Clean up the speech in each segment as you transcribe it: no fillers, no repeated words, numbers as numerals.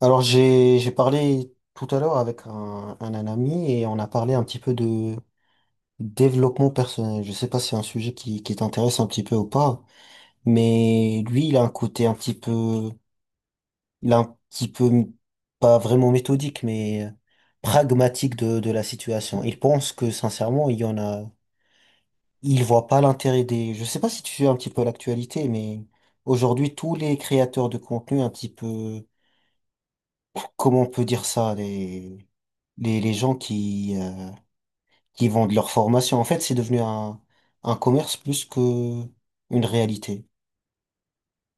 Alors j'ai parlé tout à l'heure avec un ami et on a parlé un petit peu de développement personnel. Je sais pas si c'est un sujet qui t'intéresse un petit peu ou pas, mais lui il a un côté un petit peu il a un petit peu pas vraiment méthodique mais pragmatique de la situation. Il pense que sincèrement il y en a il voit pas l'intérêt des. Je sais pas si tu suis un petit peu l'actualité, mais aujourd'hui tous les créateurs de contenu un petit peu comment on peut dire ça, les gens qui qui vendent leur formation. En fait, c'est devenu un commerce plus que une réalité.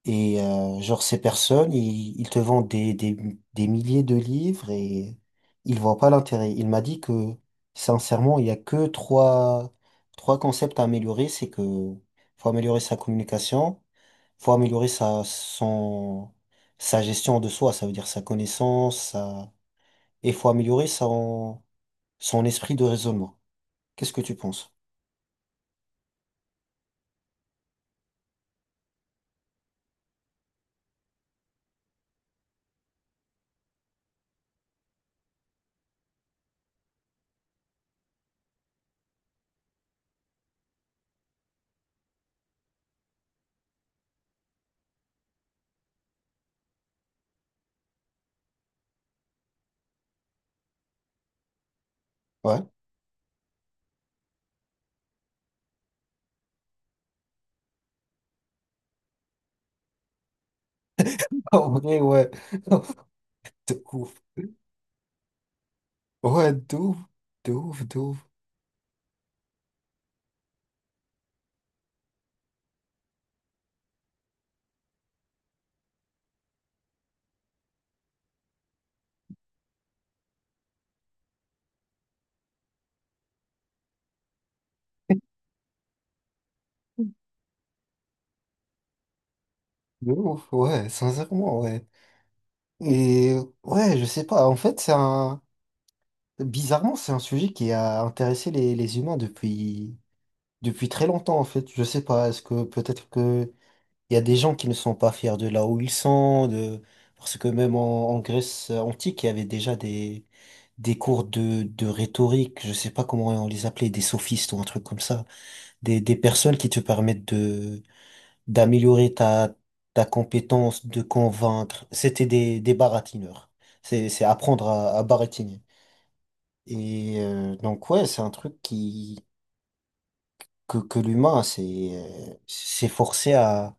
Et genre, ces personnes, ils te vendent des milliers de livres et ils voient pas l'intérêt. Il m'a dit que, sincèrement, il y a que trois concepts à améliorer. C'est que faut améliorer sa communication, faut améliorer sa sa gestion de soi, ça veut dire sa connaissance, et il faut améliorer son esprit de raisonnement. Qu'est-ce que tu penses? Ouais. En vrai, ouais. De ouf. Ouais, de ouf, de ouf, de ouf, de ouf. Ouais, sincèrement, ouais. Et ouais, je sais pas. En fait, c'est un. Bizarrement, c'est un sujet qui a intéressé les humains depuis, depuis très longtemps, en fait. Je sais pas. Est-ce que peut-être que il y a des gens qui ne sont pas fiers de là où ils sont, de, parce que même en Grèce antique, il y avait déjà des cours de rhétorique, je sais pas comment on les appelait, des sophistes ou un truc comme ça, des personnes qui te permettent de d'améliorer ta compétence, de convaincre. C'était des baratineurs. C'est apprendre à baratiner. Et donc ouais, c'est un truc qui que l'humain s'est s'est forcé à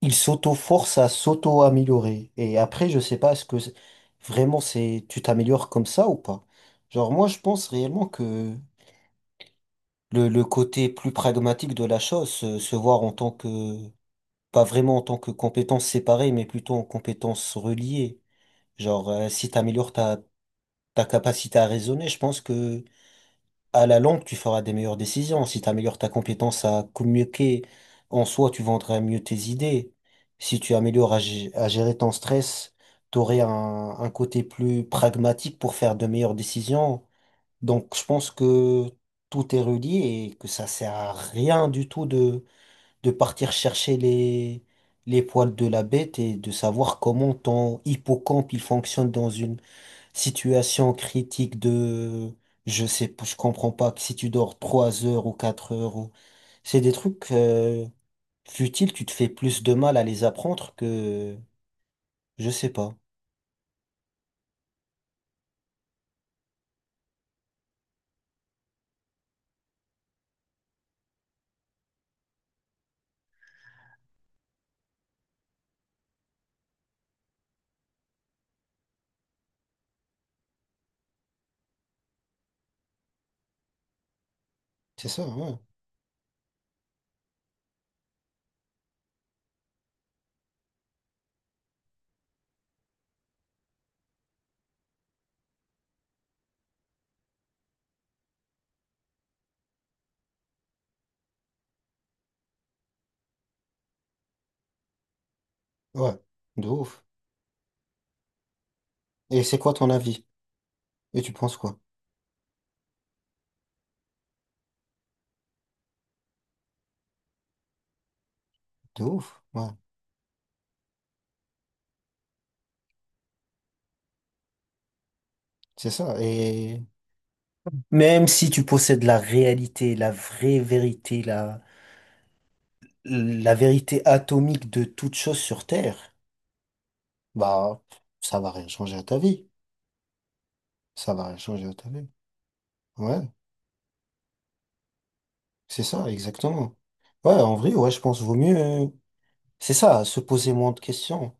il s'auto-force à s'auto-améliorer. Et après, je sais pas, est-ce que vraiment c'est tu t'améliores comme ça ou pas? Genre moi, je pense réellement que le côté plus pragmatique de la chose, se voir en tant que, pas vraiment en tant que compétences séparées, mais plutôt en compétences reliées. Genre, si t'améliores ta capacité à raisonner, je pense que à la longue, tu feras des meilleures décisions. Si tu améliores ta compétence à communiquer, en soi, tu vendras mieux tes idées. Si tu améliores à gérer ton stress, tu aurais un côté plus pragmatique pour faire de meilleures décisions. Donc, je pense que tout est relié et que ça sert à rien du tout de partir chercher les poils de la bête et de savoir comment ton hippocampe il fonctionne dans une situation critique de, je sais, pas, je comprends pas que si tu dors trois heures ou quatre heures ou, c'est des trucs futiles, tu te fais plus de mal à les apprendre que, je sais pas. C'est ça, ouais. Ouais, de ouf. Et c'est quoi ton avis? Et tu penses quoi? De ouf, ouais. C'est ça. Et même si tu possèdes la réalité, la vraie vérité, la vérité atomique de toute chose sur Terre, bah, ça va rien changer à ta vie. Ça va rien changer à ta vie. Ouais, c'est ça, exactement. Ouais, en vrai, ouais, je pense vaut mieux. C'est ça, se poser moins de questions.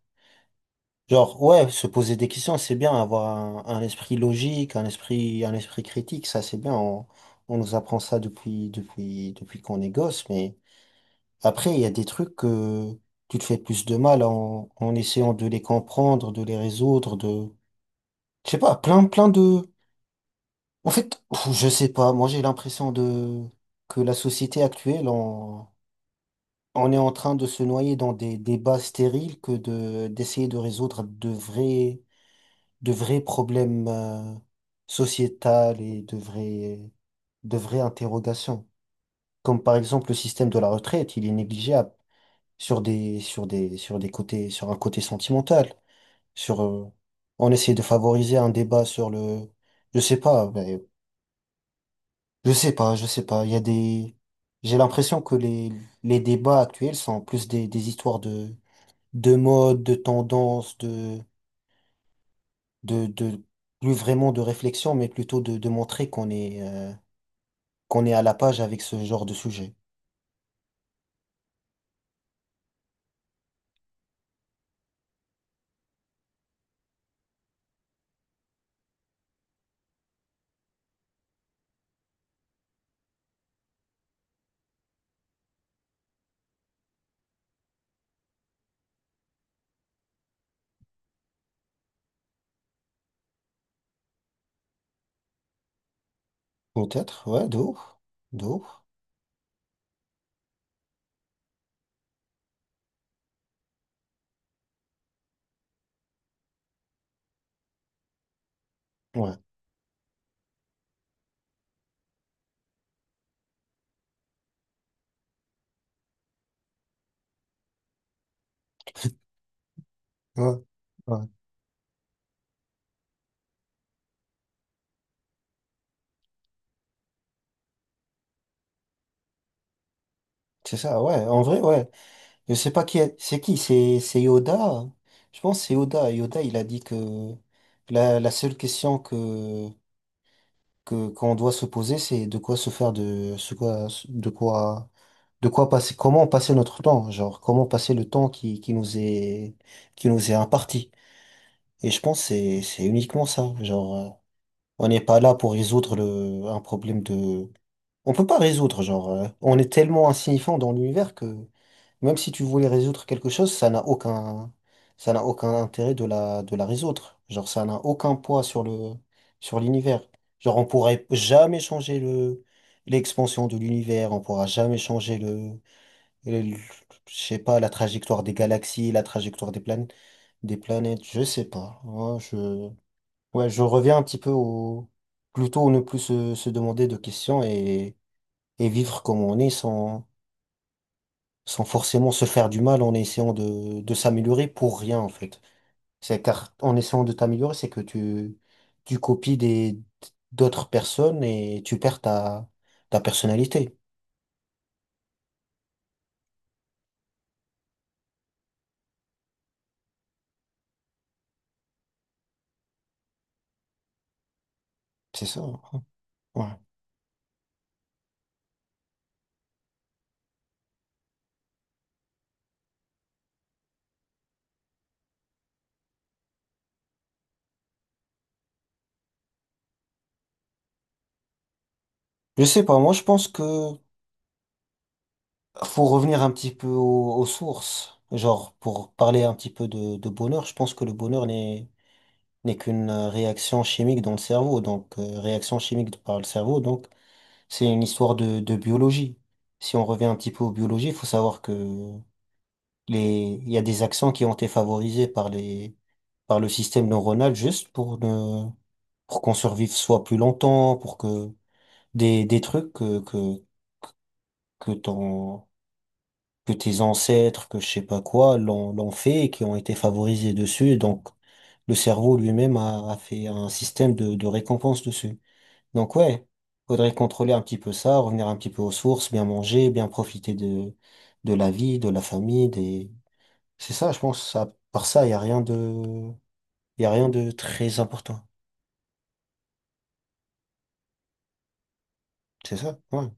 Genre, ouais, se poser des questions, c'est bien, avoir un esprit logique, un esprit critique, ça c'est bien. On nous apprend ça depuis qu'on est gosse, mais après, il y a des trucs que tu te fais plus de mal en essayant de les comprendre, de les résoudre, de, je sais pas, plein de. En fait, pff, je sais pas, moi j'ai l'impression de que la société actuelle, on est en train de se noyer dans des débats stériles que de d'essayer de résoudre de vrais problèmes sociétals et de vrais de vraies interrogations. Comme par exemple le système de la retraite, il est négligeable sur des côtés sur un côté sentimental. Sur on essaie de favoriser un débat sur le je sais pas ben, je sais pas il y a des j'ai l'impression que les débats actuels sont plus des histoires de mode, de tendance, de plus vraiment de réflexion, mais plutôt de montrer qu'on est à la page avec ce genre de sujet. Peut-être, ouais, de ouf, de ouf. Ouais, ouais, ouais. C'est ça, ouais, en vrai, ouais. Je sais pas qui est, c'est qui, c'est Yoda, hein. Je pense que c'est Yoda. Yoda, il a dit que la seule question que qu'on doit se poser, c'est de quoi se faire de ce quoi de quoi de quoi passer comment passer notre temps, genre comment passer le temps qui nous est imparti. Et je pense que c'est uniquement ça, genre on n'est pas là pour résoudre le un problème de on peut pas résoudre genre on est tellement insignifiant dans l'univers que même si tu voulais résoudre quelque chose, ça n'a aucun intérêt de de la résoudre. Genre, ça n'a aucun poids sur le, sur l'univers. Genre, on pourrait jamais changer le, l'expansion de l'univers, on pourra jamais changer le- le- je sais pas, la trajectoire des galaxies, la trajectoire des planètes, je sais pas. Ouais, je reviens un petit peu au, plutôt ne plus se demander de questions et vivre comme on est sans forcément se faire du mal en essayant de s'améliorer pour rien en fait. C'est car en essayant de t'améliorer, c'est que tu copies des d'autres personnes et tu perds ta personnalité. C'est ça, hein. Ouais. Je sais pas, moi je pense que faut revenir un petit peu aux sources. Genre, pour parler un petit peu de bonheur, je pense que le bonheur n'est n'est qu'une réaction chimique dans le cerveau, donc réaction chimique par le cerveau, donc c'est une histoire de biologie. Si on revient un petit peu aux biologies, il faut savoir que les, il y a des accents qui ont été favorisés par les, par le système neuronal juste pour ne, pour qu'on survive soit plus longtemps, pour que des, des trucs que, que, que ton, que tes ancêtres, que je sais pas quoi, l'ont fait et qui ont été favorisés dessus. Et donc, le cerveau lui-même a fait un système de récompense dessus. Donc ouais, faudrait contrôler un petit peu ça, revenir un petit peu aux sources, bien manger, bien profiter de la vie, de la famille, des. C'est ça, je pense, ça, par ça, il y a rien de, il y a rien de très important. C'est ça, ouais.